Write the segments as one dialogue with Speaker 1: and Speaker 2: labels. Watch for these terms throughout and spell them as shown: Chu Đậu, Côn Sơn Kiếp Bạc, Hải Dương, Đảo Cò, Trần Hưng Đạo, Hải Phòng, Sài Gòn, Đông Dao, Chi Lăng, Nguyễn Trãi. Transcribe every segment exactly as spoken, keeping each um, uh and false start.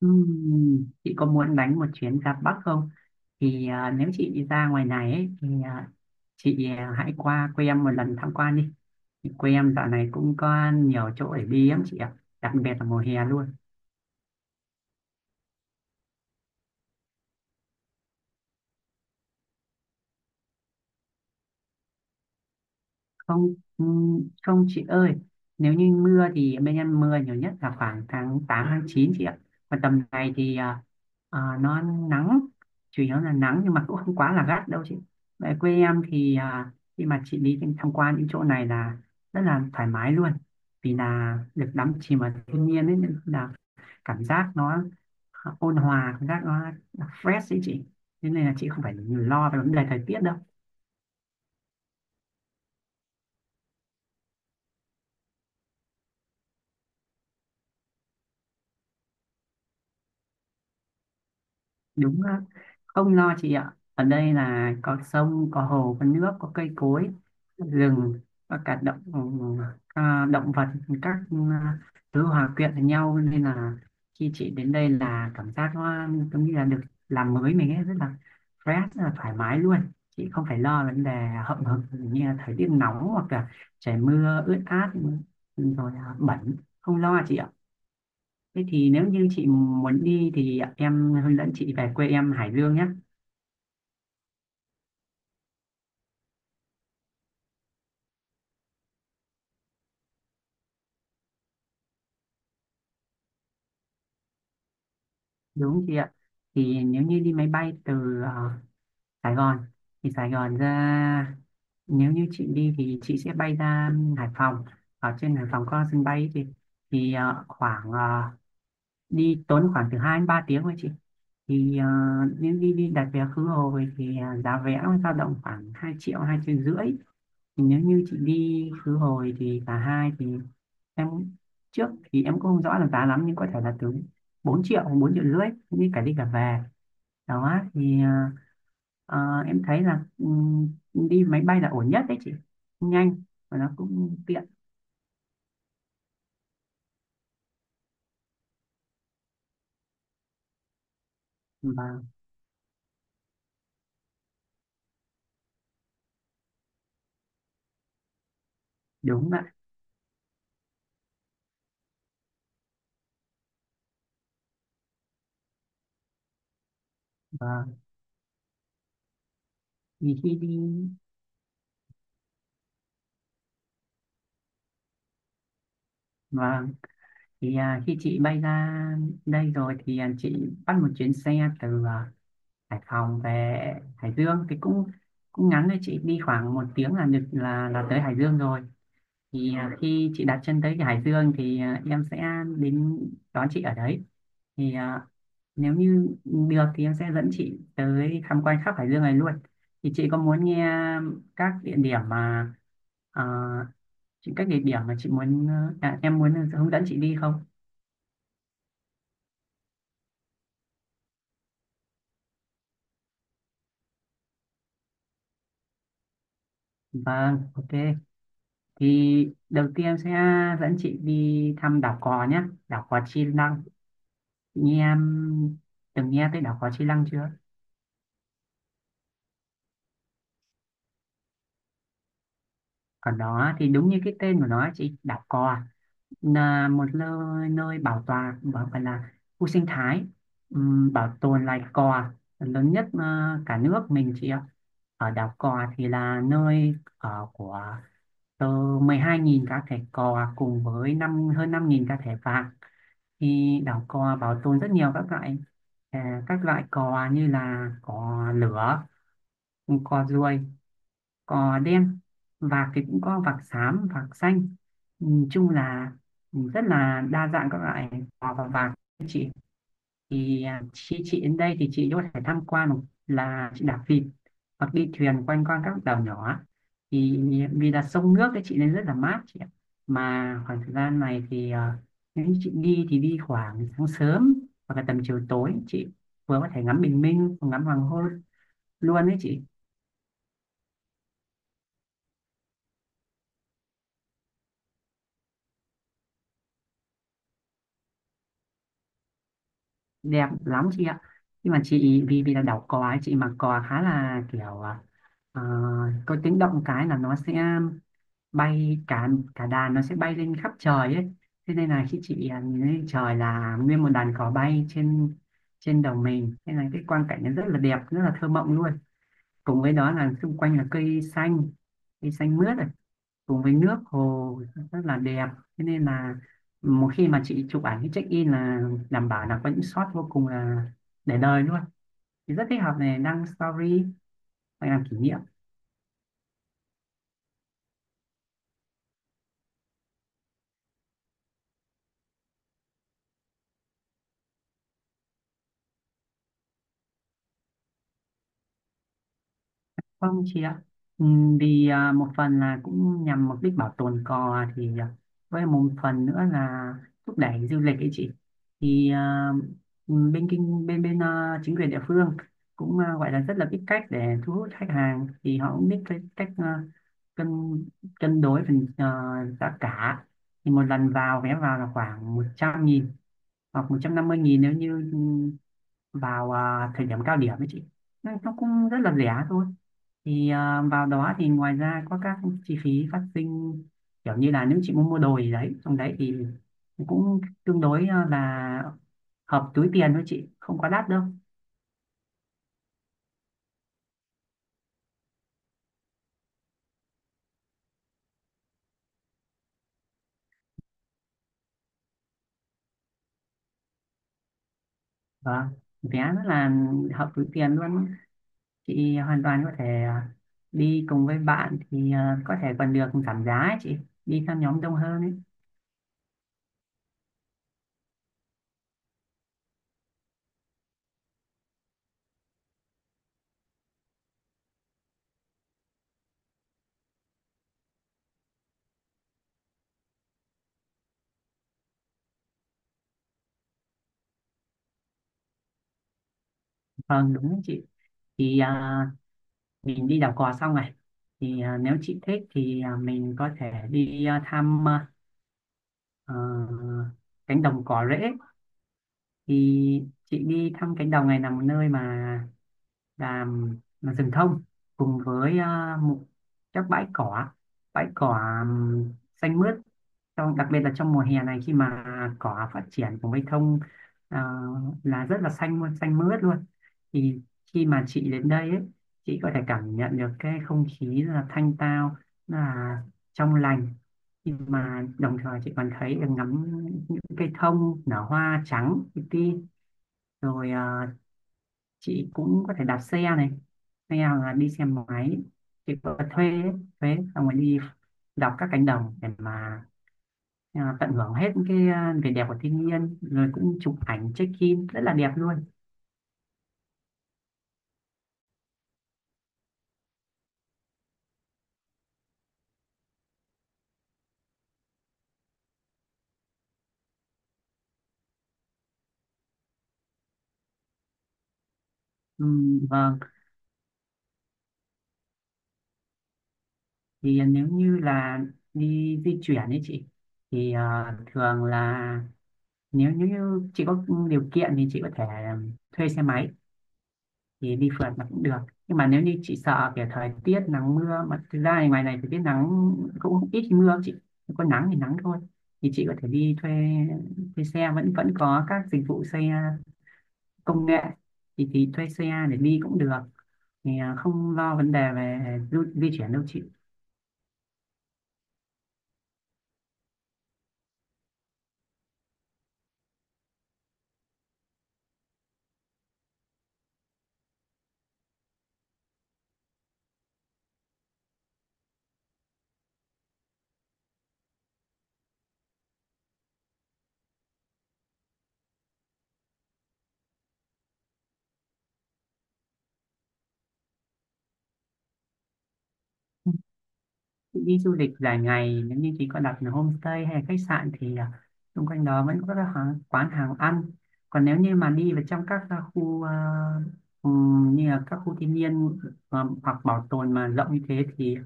Speaker 1: Ừm, chị có muốn đánh một chuyến ra Bắc không? Thì à, nếu chị đi ra ngoài này ấy, thì à, chị à, hãy qua quê em một lần tham quan đi. Thì quê em dạo này cũng có nhiều chỗ để đi lắm chị ạ, đặc biệt là mùa hè luôn. Không ừm, không chị ơi, nếu như mưa thì bên em mưa nhiều nhất là khoảng tháng tám tháng chín chị ạ. Còn tầm này thì à, à, nó nắng, chủ yếu là nắng nhưng mà cũng không quá là gắt đâu chị. Tại quê em thì à, khi mà chị đi tham quan những chỗ này là rất là thoải mái luôn, vì là được đắm chìm vào thiên nhiên ấy nên là cảm giác nó à, ôn hòa, cảm giác nó fresh ấy chị. Thế nên là chị không phải lo về vấn đề thời tiết đâu. Đúng á. Không lo chị ạ, ở đây là có sông có hồ có nước có cây cối, rừng và cả động à, động vật, các à, thứ hòa quyện với nhau nên là khi chị đến đây là cảm giác nó giống như là được làm mới mình ấy, rất là fresh, rất là thoải mái luôn. Chị không phải lo vấn đề hậm hực như là thời tiết nóng hoặc là trời mưa ướt át rồi à, bẩn, không lo chị ạ. Thế thì nếu như chị muốn đi thì em hướng dẫn chị về quê em Hải Dương nhé. Đúng chị ạ. Thì nếu như đi máy bay từ ờ, Sài Gòn, thì Sài Gòn ra, nếu như chị đi thì chị sẽ bay ra Hải Phòng. Ở trên Hải Phòng có sân bay thì thì ờ, khoảng ờ, đi tốn khoảng từ hai đến ba tiếng thôi chị. Thì ờ, nếu đi đi đặt vé khứ hồi thì ờ, giá vé nó dao động khoảng hai triệu, hai triệu rưỡi, thì nếu như chị đi khứ hồi thì cả hai thì em trước thì em cũng không rõ là giá lắm nhưng có thể là từ bốn triệu hoặc bốn triệu rưỡi như cả đi cả về. Đó thì à, à, em thấy là ừm, đi máy bay là ổn nhất đấy chị, nhanh và nó cũng tiện và đúng ạ và vì khi đi và thì à, khi chị bay ra đây rồi thì à, chị bắt một chuyến xe từ à, Hải Phòng về Hải Dương thì cũng cũng ngắn thôi chị, đi khoảng một tiếng là được, là là tới Hải Dương rồi. Thì à, khi chị đặt chân tới cái Hải Dương thì à, em sẽ đến đón chị ở đấy, thì à, nếu như được thì em sẽ dẫn chị tới tham quan khắp Hải Dương này luôn. Thì chị có muốn nghe các địa điểm mà à, chị các địa điểm mà chị muốn à, em muốn hướng dẫn chị đi không? Vâng, ok. Thì đầu tiên em sẽ dẫn chị đi thăm đảo Cò nhé, đảo Cò Chi Lăng. Chị nghe em, từng nghe tới đảo Cò Chi Lăng chưa? Còn đó thì đúng như cái tên của nó chị, đảo cò là một nơi, nơi bảo tồn, bảo phải là khu sinh thái, ừm, bảo tồn loài cò lớn nhất ờ, cả nước mình chị ạ. Ở đảo cò thì là nơi ở của từ mười hai nghìn cá thể cò cùng với năm hơn năm nghìn cá thể vạc. Thì đảo cò bảo tồn rất nhiều các loại, à, các loại cò như là cò lửa, cò ruồi, cò đen. Vạc thì cũng có vạc xám, vạc xanh. Nhìn chung là rất là đa dạng các loại cò và vạc. Thì à, khi chị đến đây thì chị có thể tham quan, một là chị đạp vịt hoặc đi thuyền quanh quanh các đảo nhỏ, thì vì là sông nước ấy chị nên rất là mát chị ạ. Mà khoảng thời gian này thì à, nếu như chị đi thì đi khoảng sáng sớm hoặc là tầm chiều tối chị, vừa có thể ngắm bình minh, ngắm hoàng hôn luôn đấy chị. Đẹp lắm chị ạ, nhưng mà chị, vì vì là đảo cò ấy, chị mặc cò khá là kiểu à, ờ, có tiếng động cái là nó sẽ bay, cả cả đàn nó sẽ bay lên khắp trời ấy. Thế nên là khi chị à, nhìn lên trời là nguyên một đàn cò bay trên trên đầu mình thế này, cái quang cảnh nó rất là đẹp, rất là thơ mộng luôn. Cùng với đó là xung quanh là cây xanh, cây xanh mướt, cùng với nước hồ, rất là đẹp. Thế nên là một khi mà chị chụp ảnh cái check in là đảm bảo là có những shot vô cùng là để đời luôn, thì rất thích hợp này, đăng story hoặc làm kỷ niệm. Vâng chị ạ. Ừm, Vì à, một phần là cũng nhằm mục đích bảo tồn cò, thì à, với một phần nữa là thúc đẩy du lịch ấy chị. Thì à, ừm, bên kinh bên bên à, chính quyền địa phương cũng à, gọi là rất là biết cách để thu hút khách hàng, thì họ cũng biết cái cách à, cân cân đối phần à, giá cả. Thì một lần vào, vé vào là khoảng một trăm nghìn hoặc một trăm năm mươi nghìn nếu như ừ, vào à, thời điểm cao điểm ấy chị. Nên nó cũng rất là rẻ thôi, thì à, vào đó thì ngoài ra có các chi phí phát sinh kiểu như là nếu chị muốn mua đồ gì đấy trong đấy thì cũng tương đối à, là hợp túi tiền thôi chị, không quá đắt đâu. Và vé rất là hợp túi tiền luôn, chị hoàn toàn có thể à, đi cùng với bạn thì à, có thể còn được giảm giá ấy chị, đi theo nhóm đông hơn ấy. Vâng đúng đấy chị. Thì à, mình đi đảo cò xong này, thì à, nếu chị thích thì à, mình có thể đi à, thăm à, ờ, cánh đồng cỏ rễ. Thì chị đi thăm cánh đồng này là một nơi mà làm là rừng thông cùng với à, một các bãi cỏ bãi cỏ ừm, xanh mướt, trong đặc biệt là trong mùa hè này khi mà cỏ phát triển cùng với thông à, là rất là xanh luôn, xanh mướt luôn. Thì khi mà chị đến đây ấy, chị có thể cảm nhận được cái không khí là thanh tao, là trong lành, nhưng mà đồng thời chị còn thấy được, ngắm cây thông nở hoa trắng li ti, rồi à, chị cũng có thể đạp xe này hay là đi xe máy, chị có thuê ấy, thuê xong rồi đi đọc các cánh đồng để mà à, tận hưởng hết cái à, vẻ đẹp của thiên nhiên, rồi cũng chụp ảnh check in rất là đẹp luôn. Ừm, vâng, thì nếu như là đi di chuyển ấy chị, thì à, thường là nếu như chị có điều kiện thì chị có thể à, thuê xe máy, thì đi phượt là cũng được, nhưng mà nếu như chị sợ kiểu thời tiết nắng mưa, mà thực ra thì ngoài này thời tiết nắng cũng ít mưa chị, có nắng thì nắng thôi, thì chị có thể đi thuê thuê xe, vẫn vẫn có các dịch vụ xe công nghệ, thì thì thuê xe để đi cũng được. Thì à, không lo vấn đề về du, di chuyển đâu chị. Đi du lịch dài ngày nếu như chị có đặt là homestay hay là khách sạn thì à, xung quanh đó vẫn có các hàng, quán hàng ăn. Còn nếu như mà đi vào trong các à, khu à, ừm, như là các khu thiên nhiên à, hoặc bảo tồn mà rộng như thế thì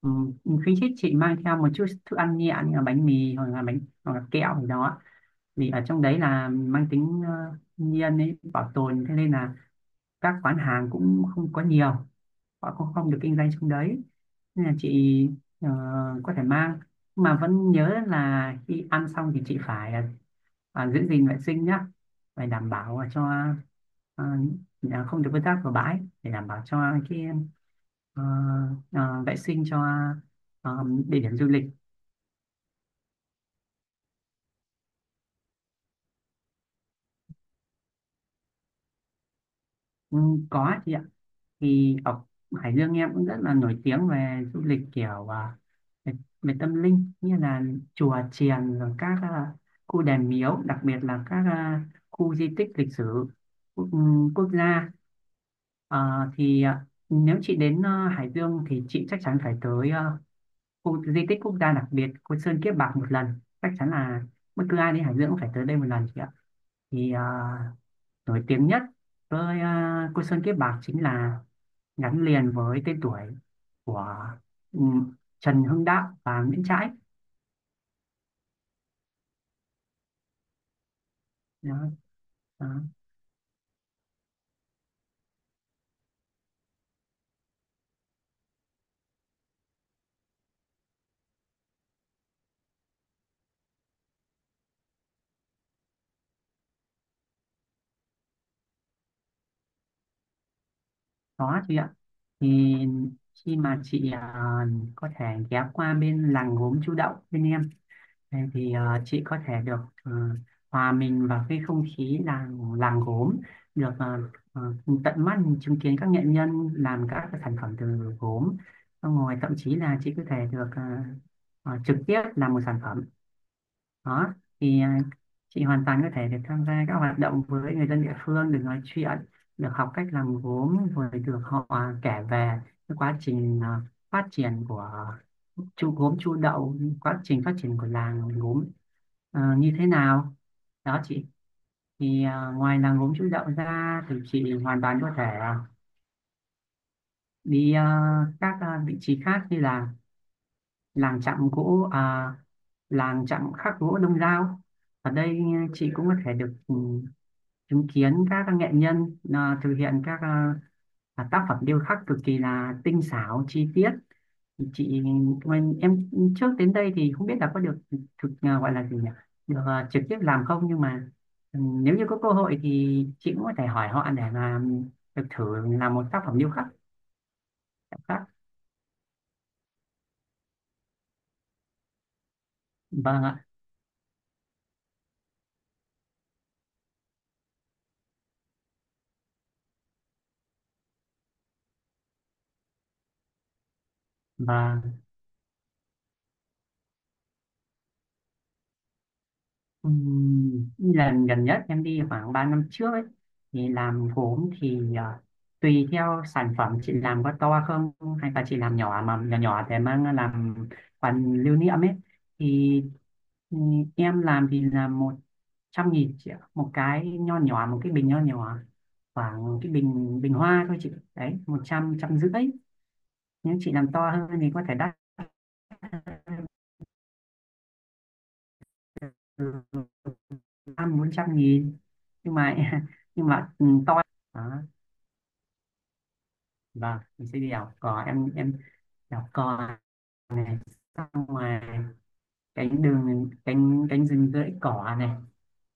Speaker 1: um, khuyến khích chị mang theo một chút thức ăn nhẹ như là bánh mì hoặc là bánh hoặc là kẹo gì đó, vì ở trong đấy là mang tính ờ, thiên nhiên ấy, bảo tồn, thế nên là các quán hàng cũng không có nhiều, họ cũng không được kinh doanh trong đấy, nên là chị Ờ, có thể mang, mà vẫn nhớ là khi ăn xong thì chị phải à, giữ gìn vệ sinh nhá, phải đảm bảo là cho à, à, không được vứt rác vào bãi, để đảm bảo cho cái ờ, ờ, vệ sinh cho ờ, địa điểm du lịch. Ừ, có chị ạ. Thì ở Hải Dương em cũng rất là nổi tiếng về du lịch kiểu à, về, về tâm linh như là chùa chiền, rồi các à, khu đền miếu, đặc biệt là các à, khu di tích lịch sử quốc, ừ, quốc gia. Ờ, thì à, nếu chị đến à, Hải Dương thì chị chắc chắn phải tới à, khu di tích quốc gia đặc biệt Côn Sơn Kiếp Bạc một lần, chắc chắn là bất cứ ai đến Hải Dương cũng phải tới đây một lần chị ạ. thì à, nổi tiếng nhất với à, Cô Sơn Kiếp Bạc chính là gắn liền với tên tuổi của ừ, Trần Hưng Đạo và Nguyễn Trãi đó, đó. Đó chị ạ, thì khi mà chị à, có thể ghé qua bên làng gốm Chu Đậu bên em. Thế thì ờ, chị có thể được ờ, hòa mình vào cái không khí làng làng gốm, được ờ, ờ, tận mắt chứng kiến các nghệ nhân làm các cái sản phẩm từ gốm. Xong rồi thậm chí là chị có thể được ờ, ờ, trực tiếp làm một sản phẩm đó. thì à, chị hoàn toàn có thể được tham gia các hoạt động với người dân địa phương, được nói chuyện, được học cách làm gốm, rồi được họ kể về cái quá trình à, phát triển của chu gốm Chu Đậu, quá trình phát triển của làng gốm à, như thế nào đó chị. thì à, ngoài làng gốm Chu Đậu ra thì chị hoàn toàn có thể à, đi à, các à, vị trí khác như là làng chạm gỗ à, làng chạm khắc gỗ Đông Dao. Ở đây chị cũng có thể được ừ, chứng kiến các nghệ nhân à, thực hiện các à, à, tác phẩm điêu khắc cực kỳ là tinh xảo chi tiết chị. Em, em trước đến đây thì không biết là có được thực à, gọi là gì nhỉ, được à, trực tiếp làm không, nhưng mà ừ, nếu như có cơ hội thì chị cũng có thể hỏi họ để mà được thử làm một tác phẩm điêu khắc, điêu khắc. Vâng ạ. và Ừm, lần gần nhất em đi khoảng ba năm trước ấy, thì làm gốm thì à, tùy theo sản phẩm chị làm có to không, hay là chị làm nhỏ, mà nhỏ nhỏ để mang làm phần lưu niệm ấy. Thì ừm, em làm thì là một trăm nghìn chị ạ, một cái nho nhỏ, một cái bình nho nhỏ, khoảng cái bình bình hoa thôi chị đấy, một trăm, trăm rưỡi. Nếu chị làm to hơn thì có thể đắt. Ừ, bốn trăm nghìn, nhưng mà nhưng mà ừ, to đó. Vâng, mình sẽ đi đảo cò. Em em đảo cò này, xong ngoài cánh đường, cánh cánh rừng rẫy cỏ này,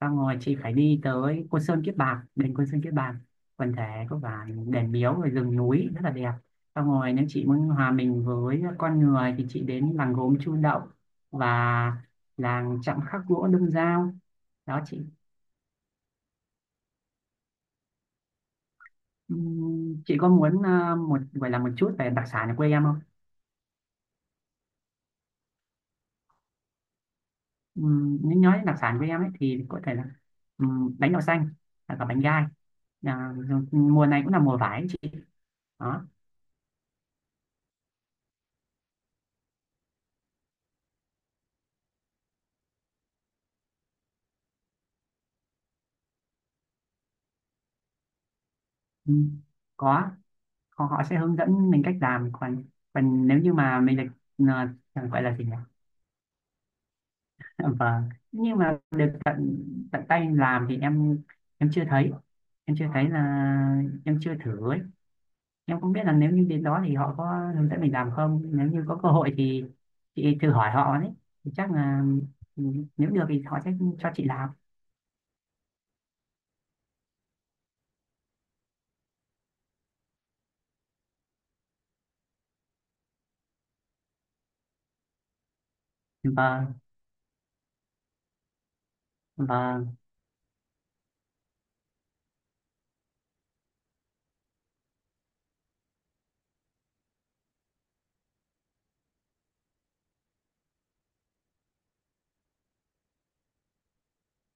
Speaker 1: xong rồi chị phải đi tới Côn Sơn Kiếp Bạc, đền Côn Sơn Kiếp Bạc, quần thể có vài đền miếu rồi rừng núi rất là đẹp. Xong rồi nếu chị muốn hòa mình với con người thì chị đến làng gốm Chu Đậu và làng chạm khắc gỗ Đông Dao đó chị. Ừm, Chị có muốn ờ, một gọi là một chút về đặc sản ở quê em không? Ừm, Nếu nói đến đặc sản quê em ấy thì có thể là ừm, bánh đậu xanh hoặc là bánh gai. À, rồi mùa này cũng là mùa vải ấy chị. Đó. Ừm, có, họ họ sẽ hướng dẫn mình cách làm. Còn còn nếu như mà mình được ờ, gọi là gì nhỉ? Vâng. Nhưng mà được tận tận tay làm thì em em chưa thấy. Em chưa thấy là em chưa thử ấy. Em không biết là nếu như đến đó thì họ có hướng dẫn mình làm không, nếu như có cơ hội thì chị thử hỏi họ đấy, thì chắc là ừ, nếu được thì họ sẽ cho chị làm. Và và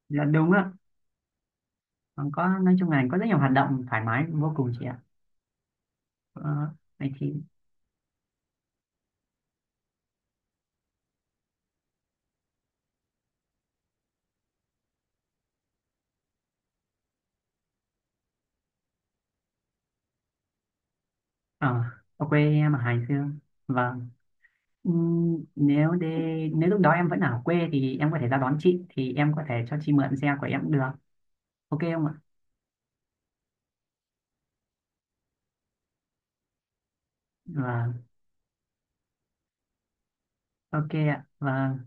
Speaker 1: là đúng ạ. Còn có, nói chung là có rất nhiều hoạt động thoải mái vô cùng chị ạ. ờ, vậy thì ờ, ở quê em ở Hải Dương, vâng. Ừm, nếu để, nếu lúc đó em vẫn ở quê thì em có thể ra đón chị, thì em có thể cho chị mượn xe của em cũng được, ok không ạ? Vâng. Ok ạ, vâng.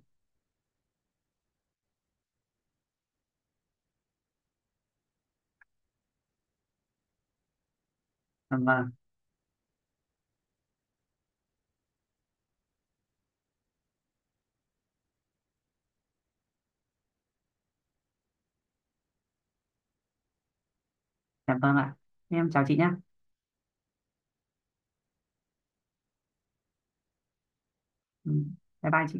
Speaker 1: Vâng. Dạ vâng ạ, em chào chị nhé. Ừ. Bye bye chị.